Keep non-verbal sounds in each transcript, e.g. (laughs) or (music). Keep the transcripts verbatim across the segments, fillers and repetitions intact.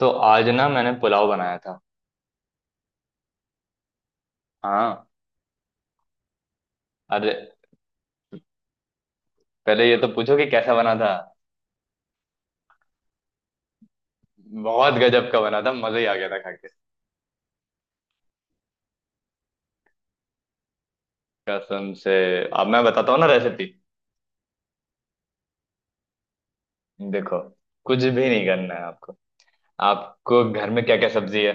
तो आज ना मैंने पुलाव बनाया था। हाँ। अरे पहले ये तो पूछो कि कैसा बना था। बहुत गजब का बना था, मजा ही आ गया था खा के। कसम से। अब मैं बताता हूँ ना रेसिपी। देखो, कुछ भी नहीं करना है आपको। आपको घर में क्या क्या सब्जी है।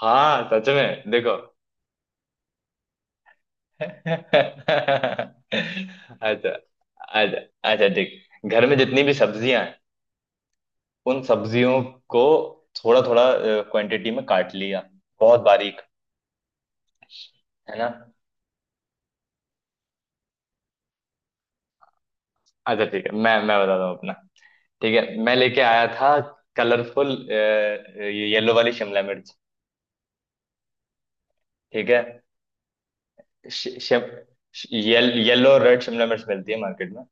हाँ सच में, देखो। (laughs) अच्छा। अच्छा। अच्छा ठीक, घर में जितनी भी सब्जियां हैं उन सब्जियों को थोड़ा थोड़ा क्वांटिटी में काट लिया, बहुत बारीक। है ना। अच्छा ठीक है, मैं मैं बताता हूँ अपना। ठीक है, मैं लेके आया था कलरफुल येलो वाली शिमला मिर्च। ठीक है। शि- शिम- शि- येल, येलो रेड शिमला मिर्च मिलती है मार्केट में।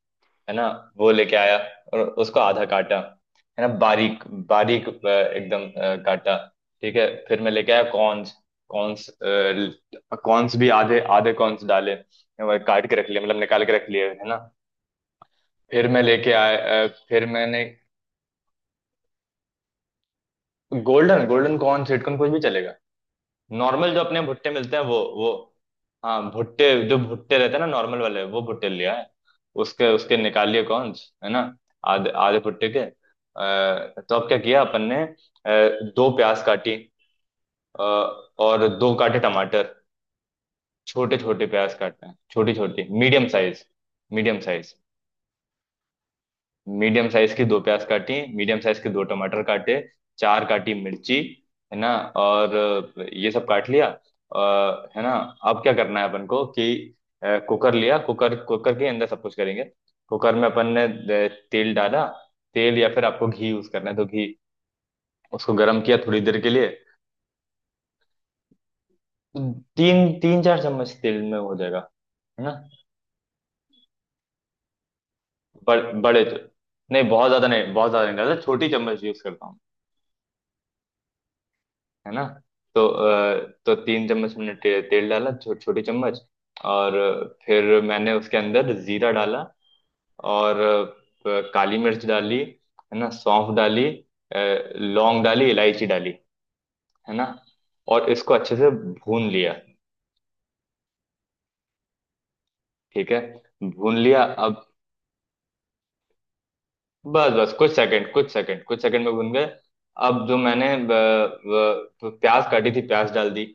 है ना। वो लेके आया और उसको आधा काटा, है ना, बारीक। बारीक अ, एकदम अ, काटा। ठीक है, फिर मैं लेके आया कॉर्न्स। कॉर्न्स, अ, कॉर्न्स भी आधे आधे कॉर्न्स डाले। वो काट के रख लिए, मतलब निकाल के रख लिए, है ना। फिर मैं लेके आया अ, फिर मैंने। गोल्डन गोल्डन कॉर्न सिटकॉर्न कुछ भी चलेगा। नॉर्मल जो अपने भुट्टे मिलते हैं वो वो हाँ भुट्टे, जो भुट्टे रहते हैं ना नॉर्मल वाले, वो भुट्टे लिया है। उसके उसके निकाल लिए कॉर्न्स, है ना। आधे आधे भुट्टे के अ, तो अब क्या किया अपन ने अ, दो प्याज काटी। अ, और दो काटे टमाटर। छोटे छोटे प्याज काटना है, छोटी छोटी medium size. Medium size. Medium size की दो प्याज काटी, मीडियम साइज के दो टमाटर काटे। चार काटी मिर्ची। है ना और अ, ये सब काट लिया, अ, है ना। अब क्या करना है अपन को कि अ, कुकर लिया। कुकर। कुकर के अंदर सब कुछ करेंगे। कुकर में अपन ने अ, तेल डाला। तेल या फिर आपको घी यूज करना है तो घी। उसको गर्म किया थोड़ी देर के लिए। तो तीन तीन चार चम्मच तेल में हो जाएगा, है ना। बड़, बड़े नहीं, बहुत ज्यादा नहीं, बहुत ज्यादा नहीं डालते, छोटी चम्मच यूज करता हूँ। है ना। तो अ, तो तीन चम्मच मैंने ते, तेल डाला, छो, छोटी चम्मच। और फिर मैंने उसके अंदर जीरा डाला, और अ, काली मिर्च डाली, है ना, सौंफ डाली। अ, लौंग डाली, इलायची डाली, है ना, और इसको अच्छे से भून लिया। ठीक है। भून लिया अब। बस बस कुछ सेकंड, कुछ सेकंड, कुछ सेकंड में भून गए। अब जो मैंने अ, अ, प्याज काटी थी प्याज डाल दी।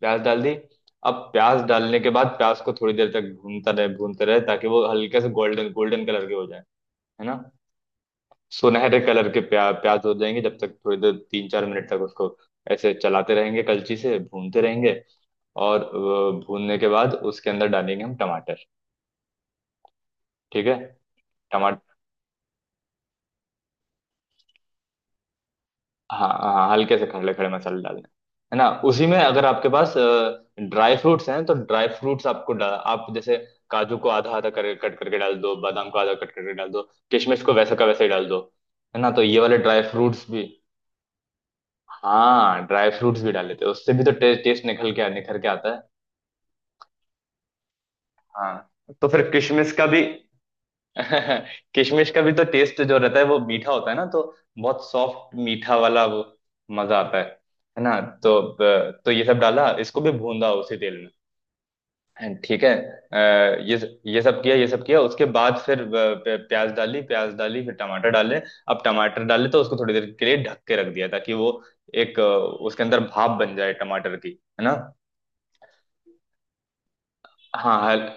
प्याज डाल दी। अब प्याज डालने के बाद प्याज को थोड़ी देर तक भूनता रहे, भूनते रहे, ताकि वो हल्के से गोल्डन गोल्डन कलर के हो जाए, है ना। सुनहरे कलर के प्या, प्याज हो जाएंगे जब तक, थोड़ी देर, तीन चार मिनट तक उसको ऐसे चलाते रहेंगे, कलची से भूनते रहेंगे। और अ, भूनने के बाद उसके अंदर डालेंगे हम टमाटर। ठीक है। हाँ हाँ हल्के से खड़े खड़े मसाले डालने हैं। है ना। उसी में अगर आपके पास ड्राई फ्रूट्स हैं तो ड्राई फ्रूट्स आपको डा- आप जैसे काजू को आधा आधा कर, कट करके डाल दो, बादाम को आधा कट करके डाल दो, किशमिश को वैसा का वैसे ही डाल दो। है ना, तो ये वाले ड्राई फ्रूट्स भी। हाँ, ड्राई फ्रूट्स भी डाल लेते हैं, उससे भी तो टेस्ट टेस्ट निकल के निखर के आता है। हाँ, तो फिर किशमिश का भी। (laughs) किशमिश का भी तो टेस्ट जो रहता है वो मीठा होता है ना, तो बहुत सॉफ्ट मीठा वाला वो। मजा आता है। है ना, तो ब- तो ये सब डाला, इसको भी भूंदा उसी तेल में। And ठीक है अ, ये ये सब किया, ये सब किया, उसके बाद फिर अ, प- प्याज डाली। प्याज डाली। फिर टमाटर डाले। अब टमाटर डाले तो उसको थोड़ी देर के लिए ढक के रख दिया ताकि वो एक अ, उसके अंदर भाप बन जाए टमाटर की, है ना। हाँ हल-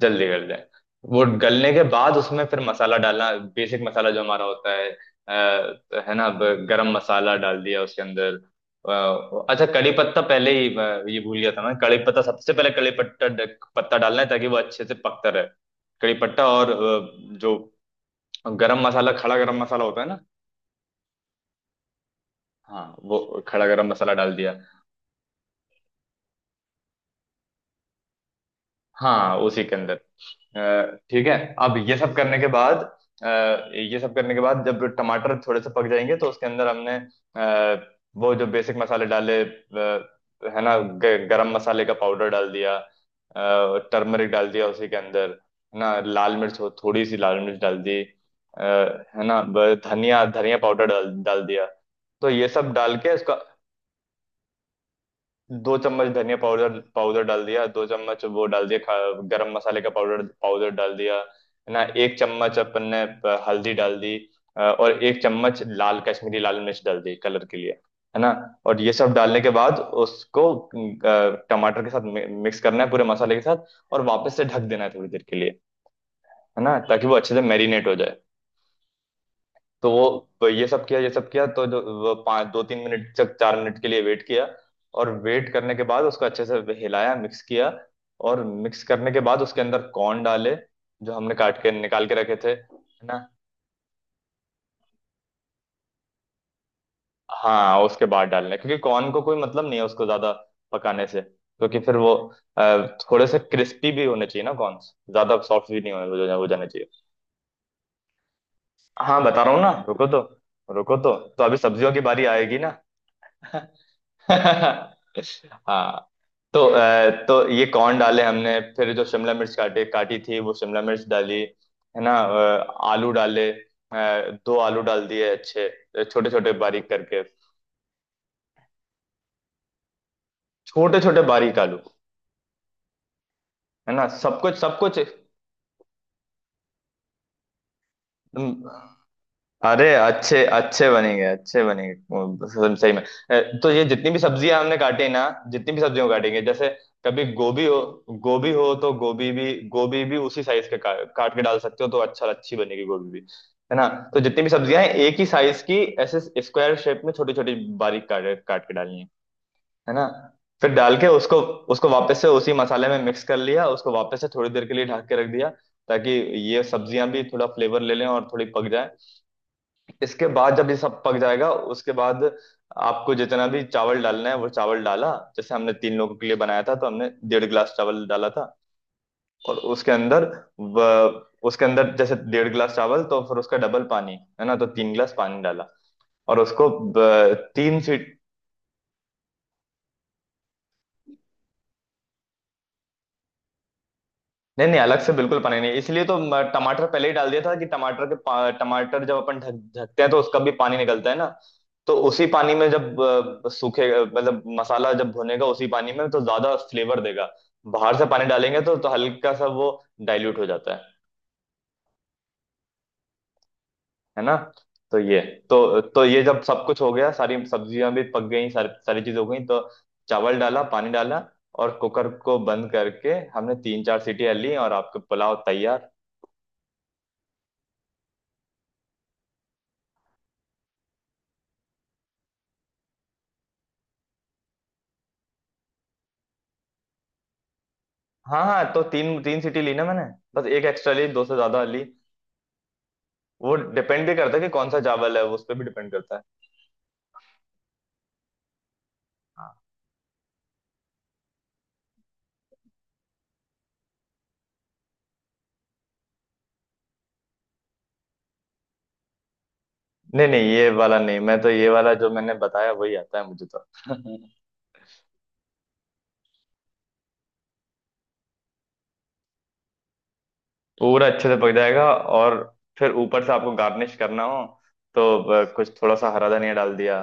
जल्दी गल जाए। वो गलने के बाद उसमें फिर मसाला डालना, बेसिक मसाला जो हमारा होता है अ, है ना। अब गरम मसाला डाल दिया उसके अंदर, अ, अच्छा, कड़ी पत्ता पहले ही, अ, ये भूल गया था मैं। कड़ी पत्ता सबसे पहले कड़ी पत्ता पत्ता डालना है ताकि वो अच्छे से पकता रहे। कड़ी पत्ता और अ, जो गरम मसाला, खड़ा गरम मसाला होता है ना। हाँ वो खड़ा गरम मसाला डाल दिया, हाँ उसी के अंदर। अ, ठीक है। अब ये सब करने के बाद, अ, ये सब करने के बाद, जब टमाटर थोड़े से पक जाएंगे तो उसके अंदर हमने अ, वो जो बेसिक मसाले डाले, अ, है ना। ग- गरम मसाले का पाउडर डाल दिया। टर्मरिक डाल दिया उसी के अंदर, है ना। लाल मिर्च हो, थोड़ी सी लाल मिर्च डाल दी, अ, है ना। ब- धनिया धनिया पाउडर डाल डाल दिया। तो ये सब डाल के इसका। दो चम्मच धनिया पाउडर, पाउडर डाल दिया, दो चम्मच वो डाल दिया। खा- गरम मसाले का पाउडर पाउडर डाल दिया, है ना। एक चम्मच अपन ने प- हल्दी डाल दी, अ, और एक चम्मच लाल, कश्मीरी लाल मिर्च डाल दी कलर के लिए, है ना। और ये सब डालने के बाद उसको अ, टमाटर के साथ मि- मिक्स करना है पूरे मसाले के साथ, और वापस से ढक देना है थोड़ी देर के लिए, है ना, ताकि वो अच्छे से मैरिनेट हो जाए। तो वो, तो ये सब किया, ये सब किया, तो जो वो पाँच, दो तीन मिनट तक, चार मिनट के लिए वेट किया। और वेट करने के बाद उसको अच्छे से हिलाया, मिक्स किया, और मिक्स करने के बाद उसके अंदर कॉर्न डाले, जो हमने काट के निकाल के रखे थे, है ना। हाँ उसके बाद डालने, क्योंकि कॉर्न को कोई मतलब नहीं है उसको ज्यादा पकाने से, क्योंकि फिर वो अ, थोड़े से क्रिस्पी भी होने चाहिए ना कॉर्न्स, ज्यादा सॉफ्ट भी नहीं होने, वो जाने चाहिए। हाँ बता रहा हूँ ना, रुको तो। रुको तो। तो अभी सब्जियों की बारी आएगी ना। (laughs) हाँ। तो अ, तो ये कौन डाले, हमने फिर जो शिमला मिर्च काटे काटी थी वो शिमला मिर्च डाली, है ना, अ, आलू डाले, अ, दो आलू डाल दिए अच्छे, छोटे छोटे बारीक करके। छोटे छोटे बारीक आलू। है ना, सब कुछ सब कुछ। अरे अच्छे अच्छे बनेंगे, अच्छे बनेंगे वो, सही सही में। अ, तो ये जितनी भी सब्जियां हमने काटी ना, जितनी भी सब्जियों को काटेंगे, जैसे कभी गोभी हो, गोभी हो तो गोभी भी, गोभी भी उसी साइज के का, काट के डाल सकते हो, तो अच्छा, अच्छी बनेगी गोभी भी, है ना। तो जितनी भी सब्जियां हैं, एक ही साइज की ऐसे स्क्वायर शेप में छोटी छोटी बारीक काट काट के डालनी है है ना। फिर डाल के उसको, उसको वापस से उसी मसाले में मिक्स कर लिया, उसको वापस से थोड़ी देर के लिए ढक के रख दिया, ताकि ये सब्जियां भी थोड़ा फ्लेवर ले लें और थोड़ी पक जाए। इसके बाद जब ये सब पक जाएगा उसके बाद आपको जितना भी चावल डालना है वो चावल डाला। जैसे हमने तीन लोगों के लिए बनाया था तो हमने डेढ़ गिलास चावल डाला था, और उसके अंदर व, उसके अंदर जैसे डेढ़ गिलास चावल, तो फिर उसका डबल पानी, है ना, तो तीन गिलास पानी डाला। और उसको ब, तीन सीट। नहीं नहीं अलग से बिल्कुल पनीर नहीं, इसलिए तो म- टमाटर पहले ही डाल दिया था कि टमाटर के पा- टमाटर जब अपन ढक, ढकते हैं तो उसका भी पानी निकलता है ना। तो उसी पानी में जब अ, सूखे, मतलब मसाला जब भुनेगा उसी पानी में, तो ज्यादा फ्लेवर देगा। बाहर से पानी डालेंगे तो तो हल्का सा वो डाइल्यूट हो जाता है है ना। तो ये। तो तो ये जब सब कुछ हो गया, सारी सब्जियां भी पक गई, सारी सारी चीज हो गई, तो चावल डाला, पानी डाला, और कुकर को बंद करके हमने तीन चार सीटी ली, और आपके पुलाव तैयार। हाँ हाँ, तो तीन तीन सीटी ली ना मैंने, बस एक एक्स्ट्रा ली, दो से ज्यादा ली। वो डिपेंड भी करता है कि कौन सा चावल है, वो उस पर भी डिपेंड करता है। हाँ। नहीं नहीं, ये वाला नहीं, मैं तो ये वाला जो मैंने बताया वही आता है मुझे तो। (laughs) पूरा अच्छे से पक जाएगा। और फिर ऊपर से आपको गार्निश करना हो तो ब- कुछ थोड़ा सा हरा धनिया डाल दिया,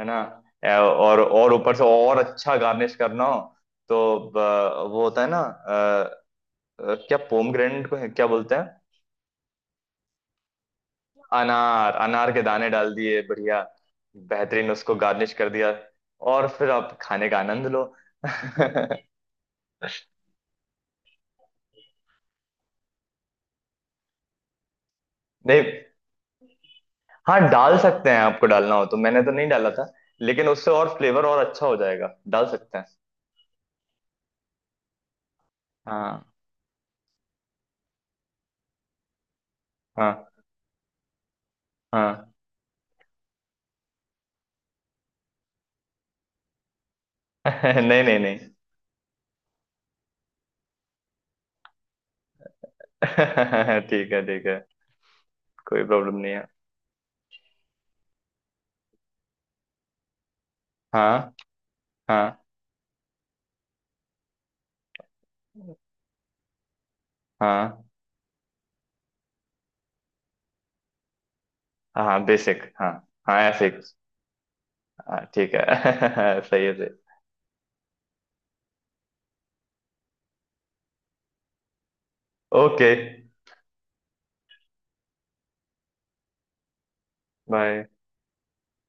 है ना। ए, और और ऊपर से और अच्छा गार्निश करना हो तो ब- वो होता है ना, अ, अ, क्या, पोमग्रेनेट को क्या बोलते हैं। अनार, अनार के दाने डाल दिए, बढ़िया बेहतरीन, उसको गार्निश कर दिया। और फिर आप खाने का आनंद लो। (laughs) नहीं। हाँ डाल सकते हैं, आपको डालना हो तो। मैंने तो नहीं डाला था, लेकिन उससे और फ्लेवर और अच्छा हो जाएगा, डाल सकते हैं। हाँ हाँ हाँ। (laughs) नहीं नहीं नहीं। (laughs) ठीक है, ठीक है, कोई प्रॉब्लम नहीं है। हाँ हाँ हाँ हाँ बेसिक हाँ। हाँ ऐसे ही कुछ। हाँ, ठीक है। (laughs) सही है, सही। ओके। बाय।